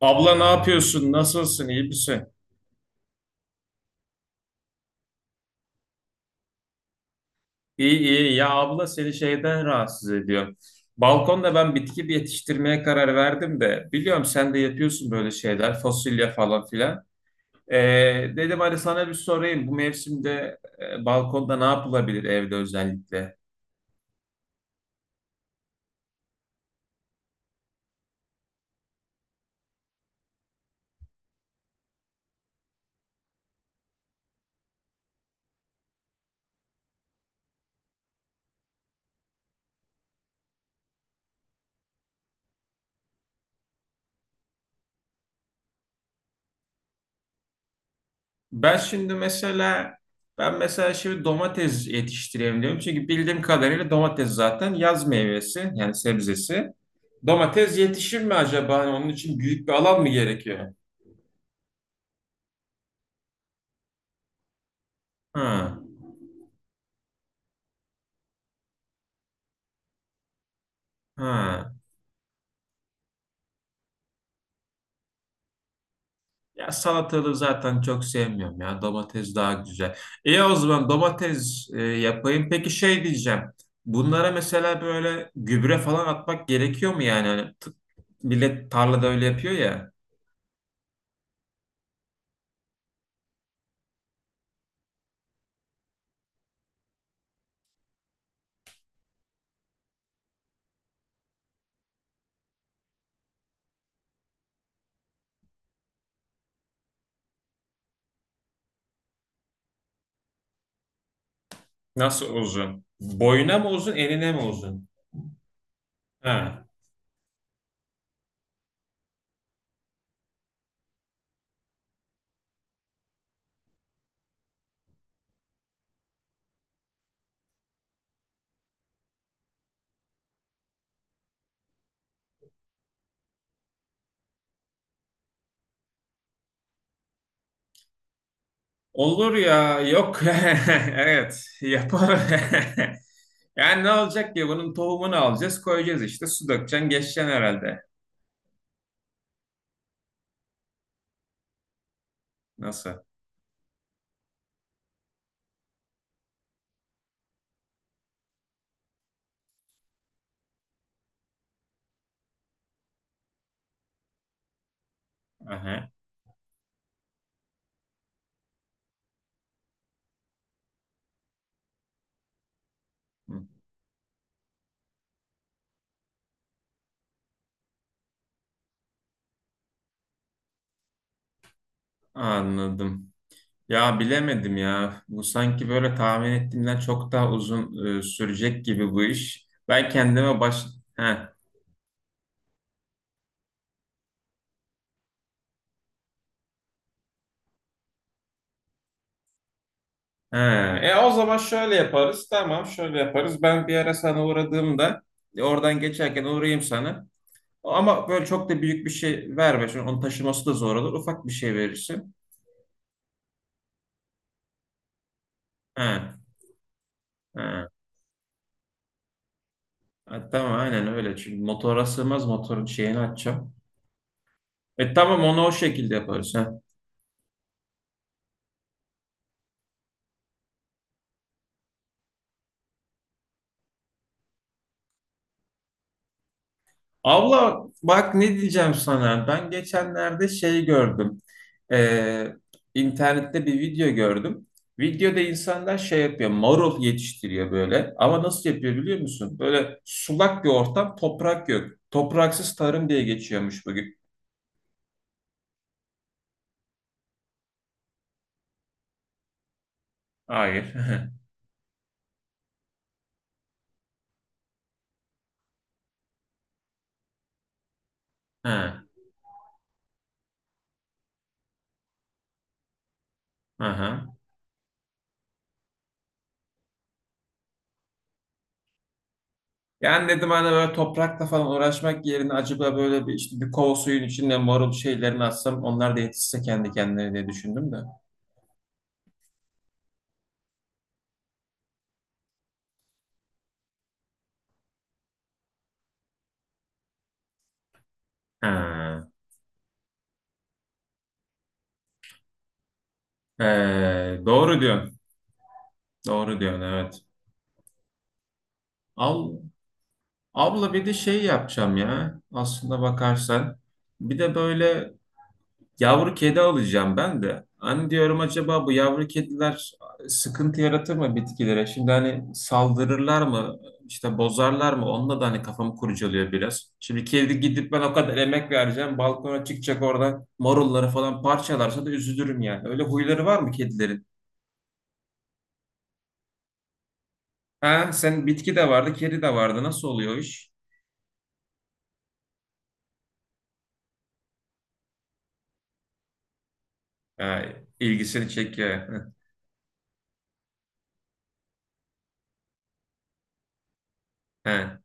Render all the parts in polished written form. Abla ne yapıyorsun? Nasılsın? İyi misin? İyi iyi. Ya abla seni şeyden rahatsız ediyor. Balkonda ben bitki bir yetiştirmeye karar verdim de biliyorum sen de yapıyorsun böyle şeyler fasulye falan filan. Ee, dedim hadi sana bir sorayım bu mevsimde balkonda ne yapılabilir evde özellikle? Ben şimdi mesela ben mesela şimdi domates yetiştireyim diyorum. Çünkü bildiğim kadarıyla domates zaten yaz meyvesi yani sebzesi. Domates yetişir mi acaba? Hani onun için büyük bir alan mı gerekiyor? Ha, ha. Ya salatalığı zaten çok sevmiyorum ya. Domates daha güzel. İyi o zaman domates, yapayım. Peki şey diyeceğim. Bunlara mesela böyle gübre falan atmak gerekiyor mu yani? Hani millet tarlada öyle yapıyor ya. Nasıl uzun? Boyuna mı uzun, enine mi uzun? Ha. Olur ya, yok. Evet, yapar. Yani ne olacak ki? Bunun tohumunu alacağız, koyacağız işte. Su dökeceksin, geçeceksin herhalde. Nasıl? Aha. Anladım. Ya bilemedim ya. Bu sanki böyle tahmin ettiğimden çok daha uzun sürecek gibi bu iş. Ben kendime baş... Heh. He, o zaman şöyle yaparız. Tamam, şöyle yaparız. Ben bir ara sana uğradığımda oradan geçerken uğrayayım sana. Ama böyle çok da büyük bir şey verme. Çünkü onun taşıması da zor olur. Ufak bir şey verirsin. He, he. Ha, tamam aynen öyle. Çünkü motora sığmaz, motorun şeyini açacağım. E tamam, onu o şekilde yaparız. He. Abla bak ne diyeceğim sana. Ben geçenlerde şey gördüm. Ee, internette bir video gördüm. Videoda insanlar şey yapıyor. Marul yetiştiriyor böyle. Ama nasıl yapıyor biliyor musun? Böyle sulak bir ortam, toprak yok. Topraksız tarım diye geçiyormuş bugün. Hayır. Ha, aha. Yani dedim hani böyle toprakla falan uğraşmak yerine acaba böyle bir işte bir kova suyun içinde marul şeylerini atsam onlar da yetişse kendi kendine diye düşündüm de. Ha. Doğru diyorsun. Doğru diyorsun, evet. Al, abla bir de şey yapacağım ya. Aslında bakarsan. Bir de böyle yavru kedi alacağım ben de. Hani diyorum acaba bu yavru kediler sıkıntı yaratır mı bitkilere? Şimdi hani saldırırlar mı? İşte bozarlar mı? Onunla da hani kafamı kurcalıyor biraz. Şimdi kedi gidip ben o kadar emek vereceğim. Balkona çıkacak, orada marulları falan parçalarsa da üzülürüm yani. Öyle huyları var mı kedilerin? Ha, sen bitki de vardı, kedi de vardı. Nasıl oluyor o iş? Ha, ilgisini çekiyor. Ha,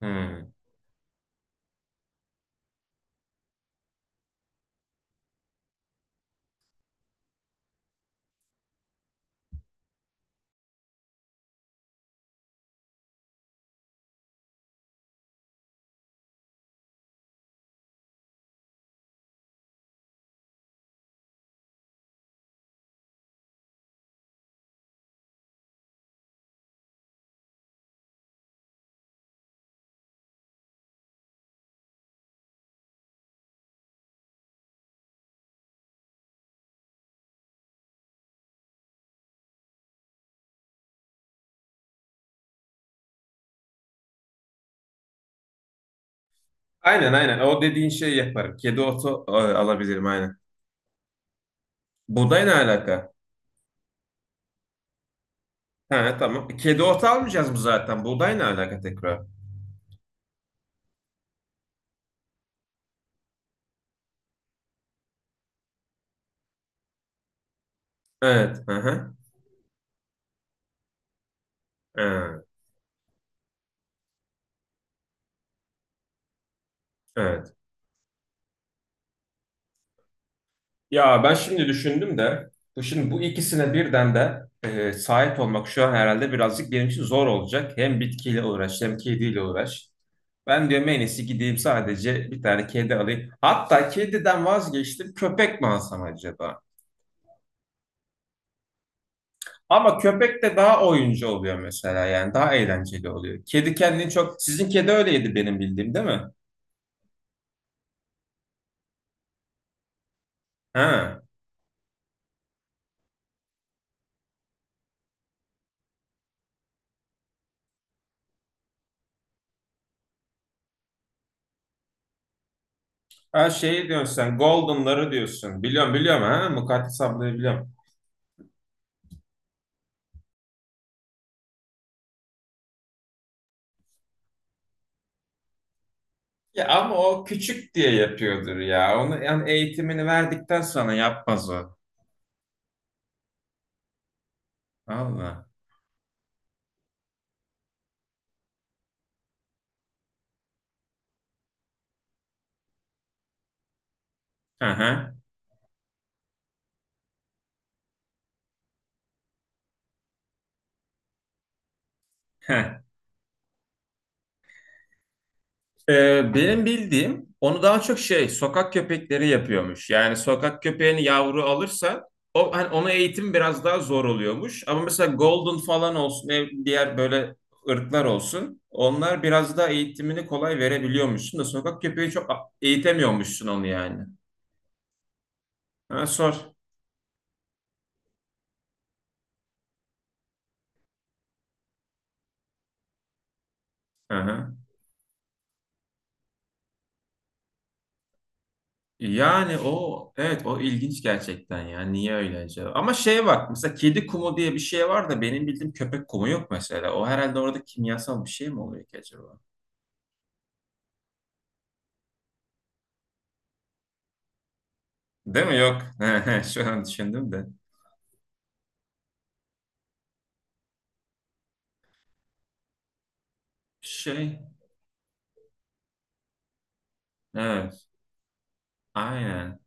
hmm. Aynen aynen. O dediğin şeyi yaparım. Kedi otu, alabilirim aynen. Buğday ne alaka? Ha, tamam. Kedi otu almayacağız mı zaten? Buğday ne alaka tekrar? Evet. Hı hı. Ha, evet. Ya ben şimdi düşündüm de bu şimdi bu ikisine birden de, sahip olmak şu an herhalde birazcık benim için zor olacak. Hem bitkiyle uğraş hem kediyle uğraş. Ben diyorum en iyisi gideyim sadece bir tane kedi alayım. Hatta kediden vazgeçtim, köpek mi alsam acaba? Ama köpek de daha oyuncu oluyor mesela, yani daha eğlenceli oluyor. Kedi kendini çok, sizin kedi öyleydi benim bildiğim, değil mi? Ha. Ha, şey diyorsun sen, Golden'ları diyorsun. Biliyorum biliyorum, ha Mukaddes ablayı biliyorum. Ya ama o küçük diye yapıyordur ya. Onu yani eğitimini verdikten sonra yapmaz o. Allah. Hı hı. Heh. Benim bildiğim onu daha çok şey, sokak köpekleri yapıyormuş. Yani sokak köpeğini yavru alırsa o hani ona eğitim biraz daha zor oluyormuş. Ama mesela golden falan olsun, diğer böyle ırklar olsun. Onlar biraz daha eğitimini kolay verebiliyormuşsun da sokak köpeği çok eğitemiyormuşsun onu yani. Ha, sor. Hı, hı. Yani o evet, o ilginç gerçekten ya. Niye öyle acaba? Ama şeye bak, mesela kedi kumu diye bir şey var da benim bildiğim köpek kumu yok mesela. O herhalde orada kimyasal bir şey mi oluyor ki acaba? Değil mi? Yok. Şu an düşündüm de. Şey evet. Aynen.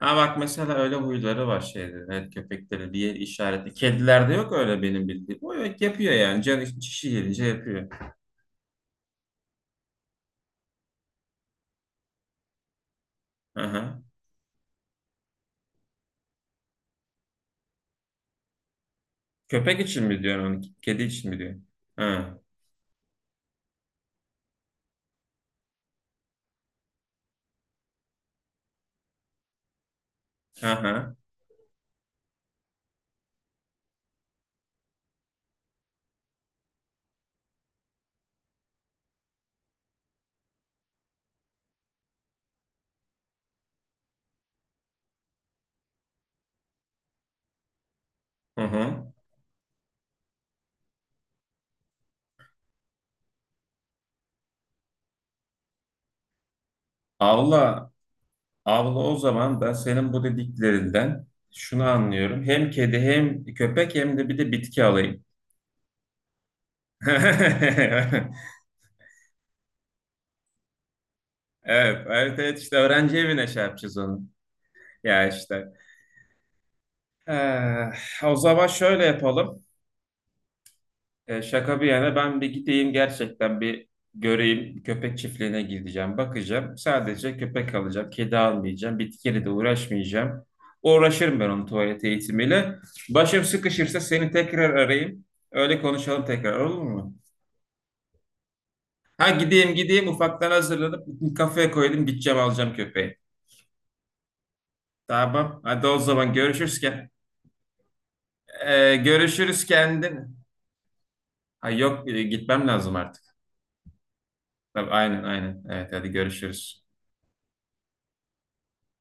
Ha bak mesela öyle huyları var şeyde. Evet, köpekleri bir yer işareti. Kedilerde yok öyle benim bildiğim. O yok, yapıyor yani. Canı çişi gelince yapıyor. Aha. Köpek için mi diyorsun onu? Kedi için mi diyorsun? Ha. Aha. Hı hı. Allah. Abla o zaman ben senin bu dediklerinden şunu anlıyorum. Hem kedi hem köpek hem de bir de bitki alayım. Evet, evet, evet, işte öğrenci evine şey yapacağız onu. Ya işte. Eh, o zaman şöyle yapalım. E, şaka bir yana ben bir gideyim gerçekten, bir göreyim. Köpek çiftliğine gideceğim, bakacağım. Sadece köpek alacağım, kedi almayacağım, bitkiyle de uğraşmayacağım. Uğraşırım ben onun tuvalet eğitimiyle. Başım sıkışırsa seni tekrar arayayım. Öyle konuşalım tekrar, olur mu? Ha gideyim gideyim, ufaktan hazırlanıp kafeye koydum, gideceğim alacağım köpeği. Tamam hadi o zaman görüşürsken. Görüşürüz kendin. Ha yok, gitmem lazım artık. Tabii, aynen aynen. Evet hadi görüşürüz.